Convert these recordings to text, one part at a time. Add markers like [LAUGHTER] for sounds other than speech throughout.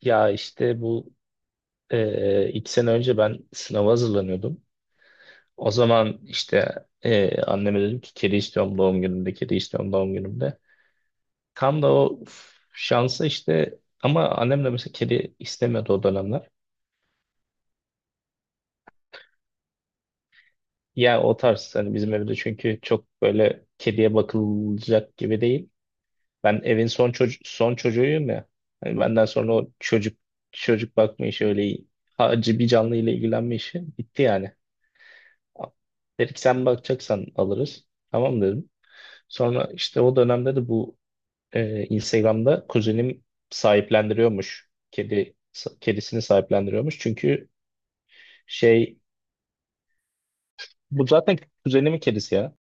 Ya işte bu 2 sene önce ben sınava hazırlanıyordum. O zaman işte anneme dedim ki kedi istiyorum doğum günümde, kedi istiyorum doğum günümde. Tam da o şansı işte ama annem de mesela kedi istemiyordu o dönemler. Ya o tarz hani, bizim evde çünkü çok böyle kediye bakılacak gibi değil. Ben evin son çocuğuyum ya. Hani benden sonra o çocuk bakma işi, öyle hacı bir canlı ile ilgilenme işi bitti yani. Dedi ki sen bakacaksan alırız. Tamam dedim. Sonra işte o dönemde de bu Instagram'da kuzenim sahiplendiriyormuş. Kedisini sahiplendiriyormuş. Çünkü şey, bu zaten kuzenimin kedisi ya.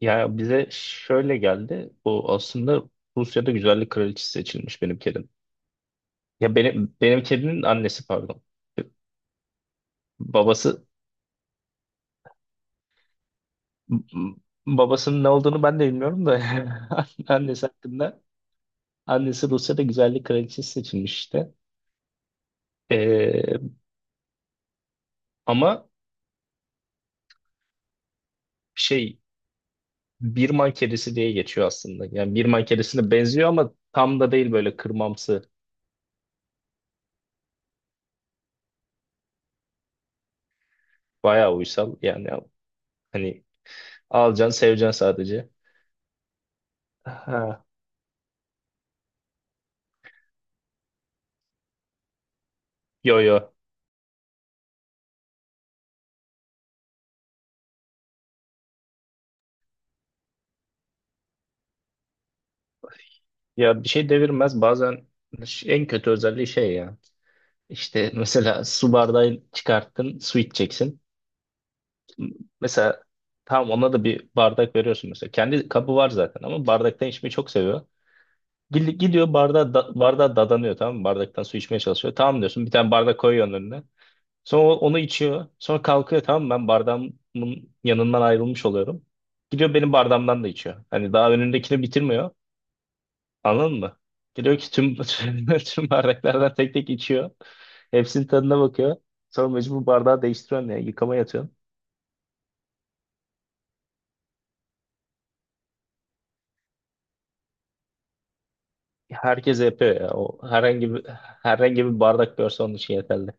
Ya bize şöyle geldi. Bu aslında Rusya'da güzellik kraliçesi seçilmiş benim kedim. Ya benim kedinin annesi, pardon. Babası babasının ne olduğunu ben de bilmiyorum da [LAUGHS] annesi hakkında. Annesi Rusya'da güzellik kraliçesi seçilmiş işte. Ee, ama şey, Birman kedisi diye geçiyor aslında. Yani Birman kedisine benziyor ama tam da değil, böyle kırmamsı. Bayağı uysal. Yani hani, alacaksın seveceksin sadece. Ha. Yo yo. Ya bir şey devirmez. Bazen en kötü özelliği şey ya. İşte mesela, su bardağı çıkarttın, su içeceksin. Mesela tam ona da bir bardak veriyorsun mesela. Kendi kabı var zaten ama bardaktan içmeyi çok seviyor. Gidiyor bardağa, bardağa dadanıyor, tamam mı? Bardaktan su içmeye çalışıyor. Tamam diyorsun, bir tane bardak koyuyorsun önüne. Sonra onu içiyor. Sonra kalkıyor, tamam mı? Ben bardağımın yanından ayrılmış oluyorum. Gidiyor benim bardağımdan da içiyor. Hani daha önündekini bitirmiyor. Anladın mı? Gidiyor ki tüm, [LAUGHS] tüm bardaklardan tek tek içiyor. Hepsinin tadına bakıyor. Sonra mecbur bardağı değiştiriyorsun ya. Yıkamaya atıyorsun. Herkes yapıyor ya. O herhangi bir bardak görse onun için yeterli.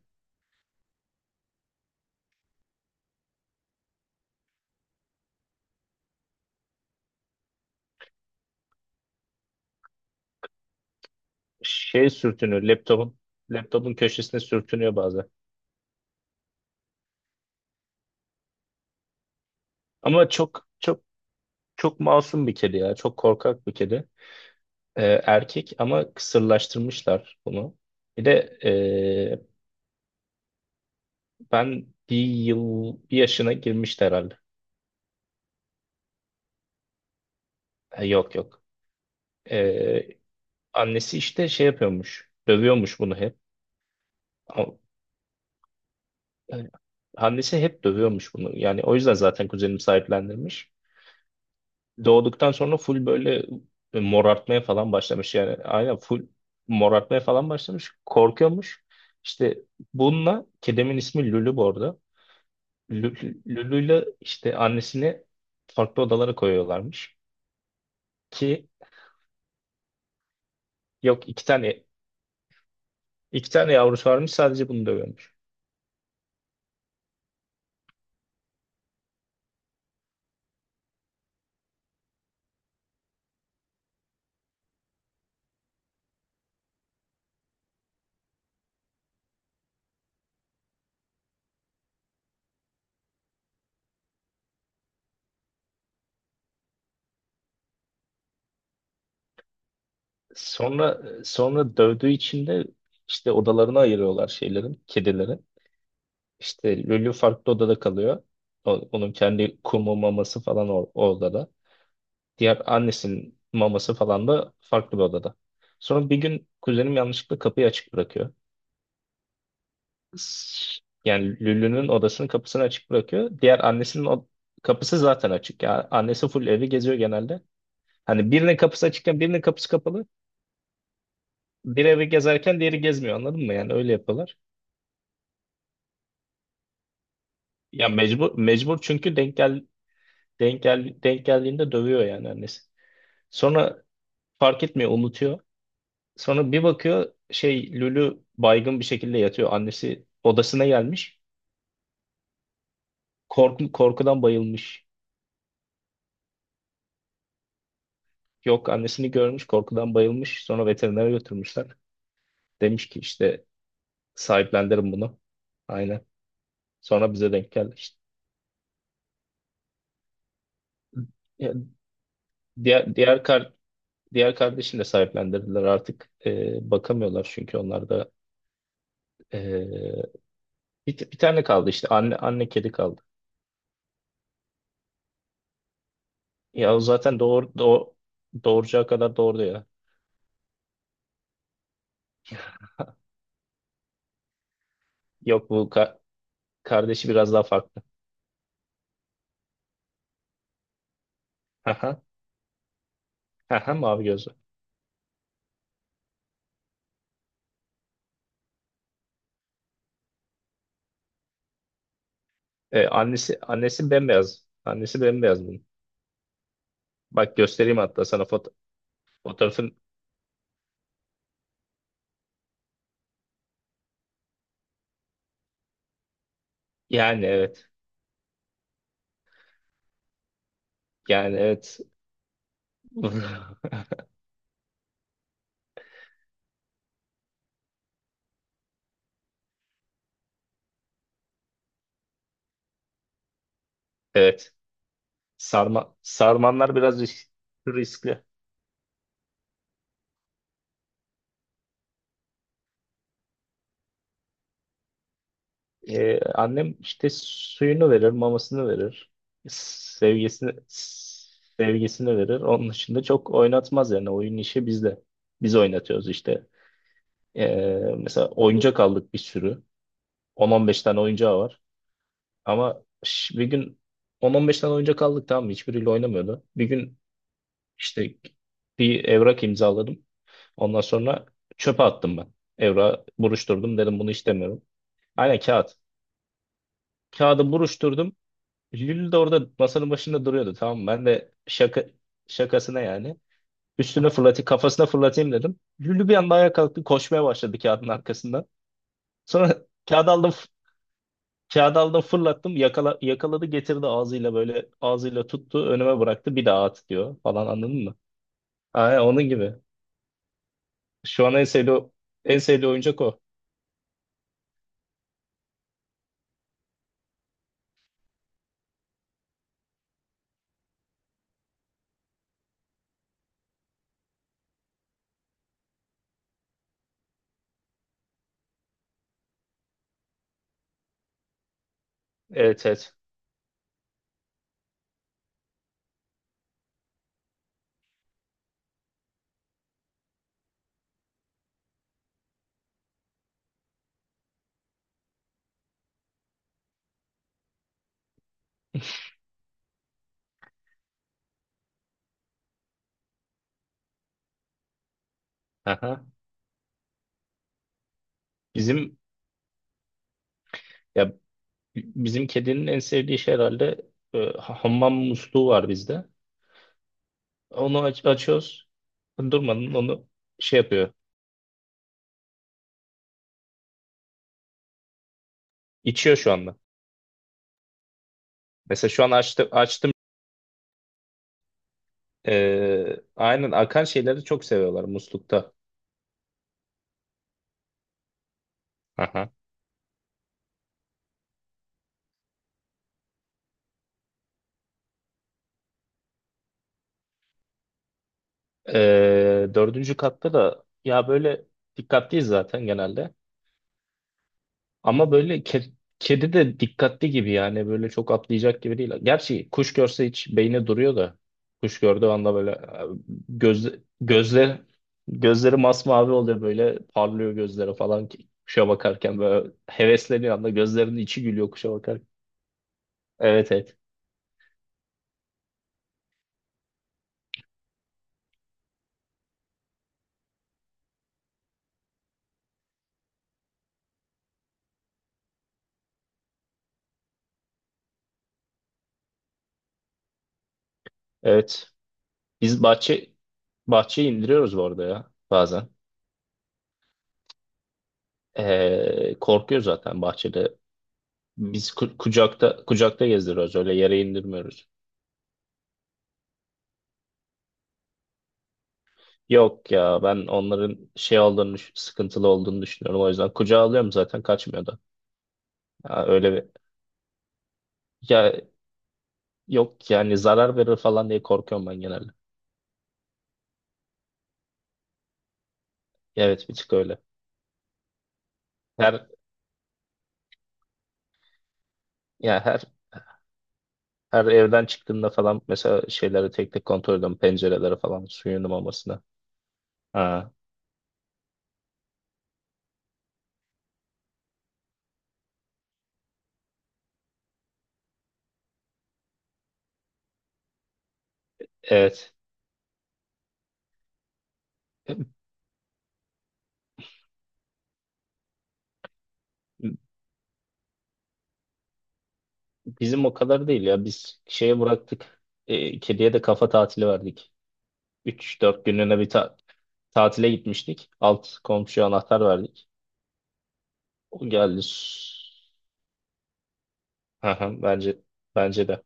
Şey sürtünüyor laptopun laptopun köşesine sürtünüyor bazen. Ama çok çok çok masum bir kedi ya. Çok korkak bir kedi. Erkek ama kısırlaştırmışlar bunu. Bir de ben bir yaşına girmişti herhalde. Ha, yok yok. Ee, Annesi işte şey yapıyormuş. Dövüyormuş bunu hep. Ama- yani annesi hep dövüyormuş bunu. Yani o yüzden zaten kuzenim sahiplendirmiş. Doğduktan sonra full böyle morartmaya falan başlamış, yani aynen full morartmaya falan başlamış, korkuyormuş işte bununla. Kedimin ismi Lülü bu arada. Lülü'yle işte annesini farklı odalara koyuyorlarmış ki, yok, iki tane yavrusu varmış, sadece bunu dövüyormuş. Sonra dövdüğü için de işte odalarına ayırıyorlar şeylerin kedileri. İşte Lülü farklı odada kalıyor. Onun kendi kumu, maması falan o odada. Diğer annesinin maması falan da farklı bir odada. Sonra bir gün kuzenim yanlışlıkla kapıyı açık bırakıyor. Yani Lülü'nün odasının kapısını açık bırakıyor. Diğer annesinin o kapısı zaten açık. Yani annesi full evi geziyor genelde. Hani birinin kapısı açıkken birinin kapısı kapalı. Bir evi gezerken diğeri gezmiyor, anladın mı? Yani öyle yapıyorlar. Ya mecbur mecbur çünkü denk geldiğinde dövüyor yani annesi. Sonra fark etmiyor, unutuyor. Sonra bir bakıyor şey, Lülü baygın bir şekilde yatıyor. Annesi odasına gelmiş. Korkudan bayılmış. Yok, annesini görmüş, korkudan bayılmış. Sonra veterinere götürmüşler. Demiş ki işte sahiplendirin bunu. Aynen. Sonra bize denk geldi işte. Ya, diğer diğer kar diğer kardeşini de sahiplendirdiler artık. Bakamıyorlar çünkü onlar da ee, bir tane kaldı işte, anne kedi kaldı. Ya o zaten doğuracağı kadar doğurdu ya. Yok, bu kardeşi biraz daha farklı. Haha, haha, mavi gözlü. Annesi bembeyaz. Annesi bembeyaz bunun. Bak, göstereyim hatta sana fotoğrafın. Yani evet. Yani evet. [LAUGHS] Evet. Sarmanlar biraz riskli. Annem işte suyunu verir, mamasını verir. Sevgisini verir. Onun dışında çok oynatmaz yani. Oyun işi bizde. Biz oynatıyoruz işte. E, Mesela oyuncak aldık bir sürü. 10-15 tane oyuncağı var. Ama bir gün 10-15 tane oyuncak aldık, tamam mı? Hiçbiriyle oynamıyordu. Bir gün işte bir evrak imzaladım. Ondan sonra çöpe attım ben. Evrağı buruşturdum. Dedim bunu istemiyorum. Aynen, kağıt. Kağıdı buruşturdum. Lül de orada masanın başında duruyordu, tamam mı? Ben de şaka, şakasına. Üstüne fırlatayım, kafasına fırlatayım dedim. Lülü bir anda ayağa kalktı, koşmaya başladı kağıdın arkasından. Sonra [LAUGHS] kağıdı aldım, Çağdal'da fırlattım, yakala, yakaladı, getirdi ağzıyla, böyle ağzıyla tuttu, önüme bıraktı, bir daha at diyor falan, anladın mı? Aynen onun gibi. Şu an en sevdiği oyuncak o. Evet evet. Aha. Bizim ya bizim kedinin en sevdiği şey herhalde, hammam musluğu var bizde. Onu açıyoruz. Durmadan onu şey yapıyor. İçiyor şu anda. Mesela şu an açtı, açtım. Aynen, akan şeyleri çok seviyorlar muslukta. Aha. 4. katta da ya, böyle dikkatliyiz zaten genelde. Ama böyle kedi de dikkatli gibi yani, böyle çok atlayacak gibi değil. Gerçi kuş görse hiç beyni duruyor da, kuş gördüğü anda böyle göz gözler gözleri masmavi oluyor, böyle parlıyor gözleri falan, ki kuşa bakarken böyle hevesleniyor anda, gözlerinin içi gülüyor kuşa bakarken. Evet evet. Evet. Biz bahçeyi indiriyoruz bu arada ya bazen. Korkuyor zaten bahçede. Biz kucakta kucakta gezdiriyoruz, öyle yere indirmiyoruz. Yok ya, ben onların sıkıntılı olduğunu düşünüyorum, o yüzden kucağa alıyorum, zaten kaçmıyor da. Ya öyle bir ya yok yani, zarar verir falan diye korkuyorum ben genelde. Evet, bir tık öyle. Her ya her her evden çıktığımda falan mesela şeyleri tek tek kontrol ediyorum, pencereleri falan, suyun mamasına. Ha, evet. Bizim o kadar değil ya, biz şeye bıraktık. Kediye de kafa tatili verdik. 3-4 günlüğüne bir tatile gitmiştik. Alt komşuya anahtar verdik. O geldi. Hı hı, bence de.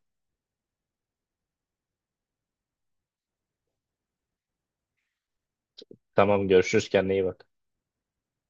Tamam, görüşürüz, kendine iyi bak.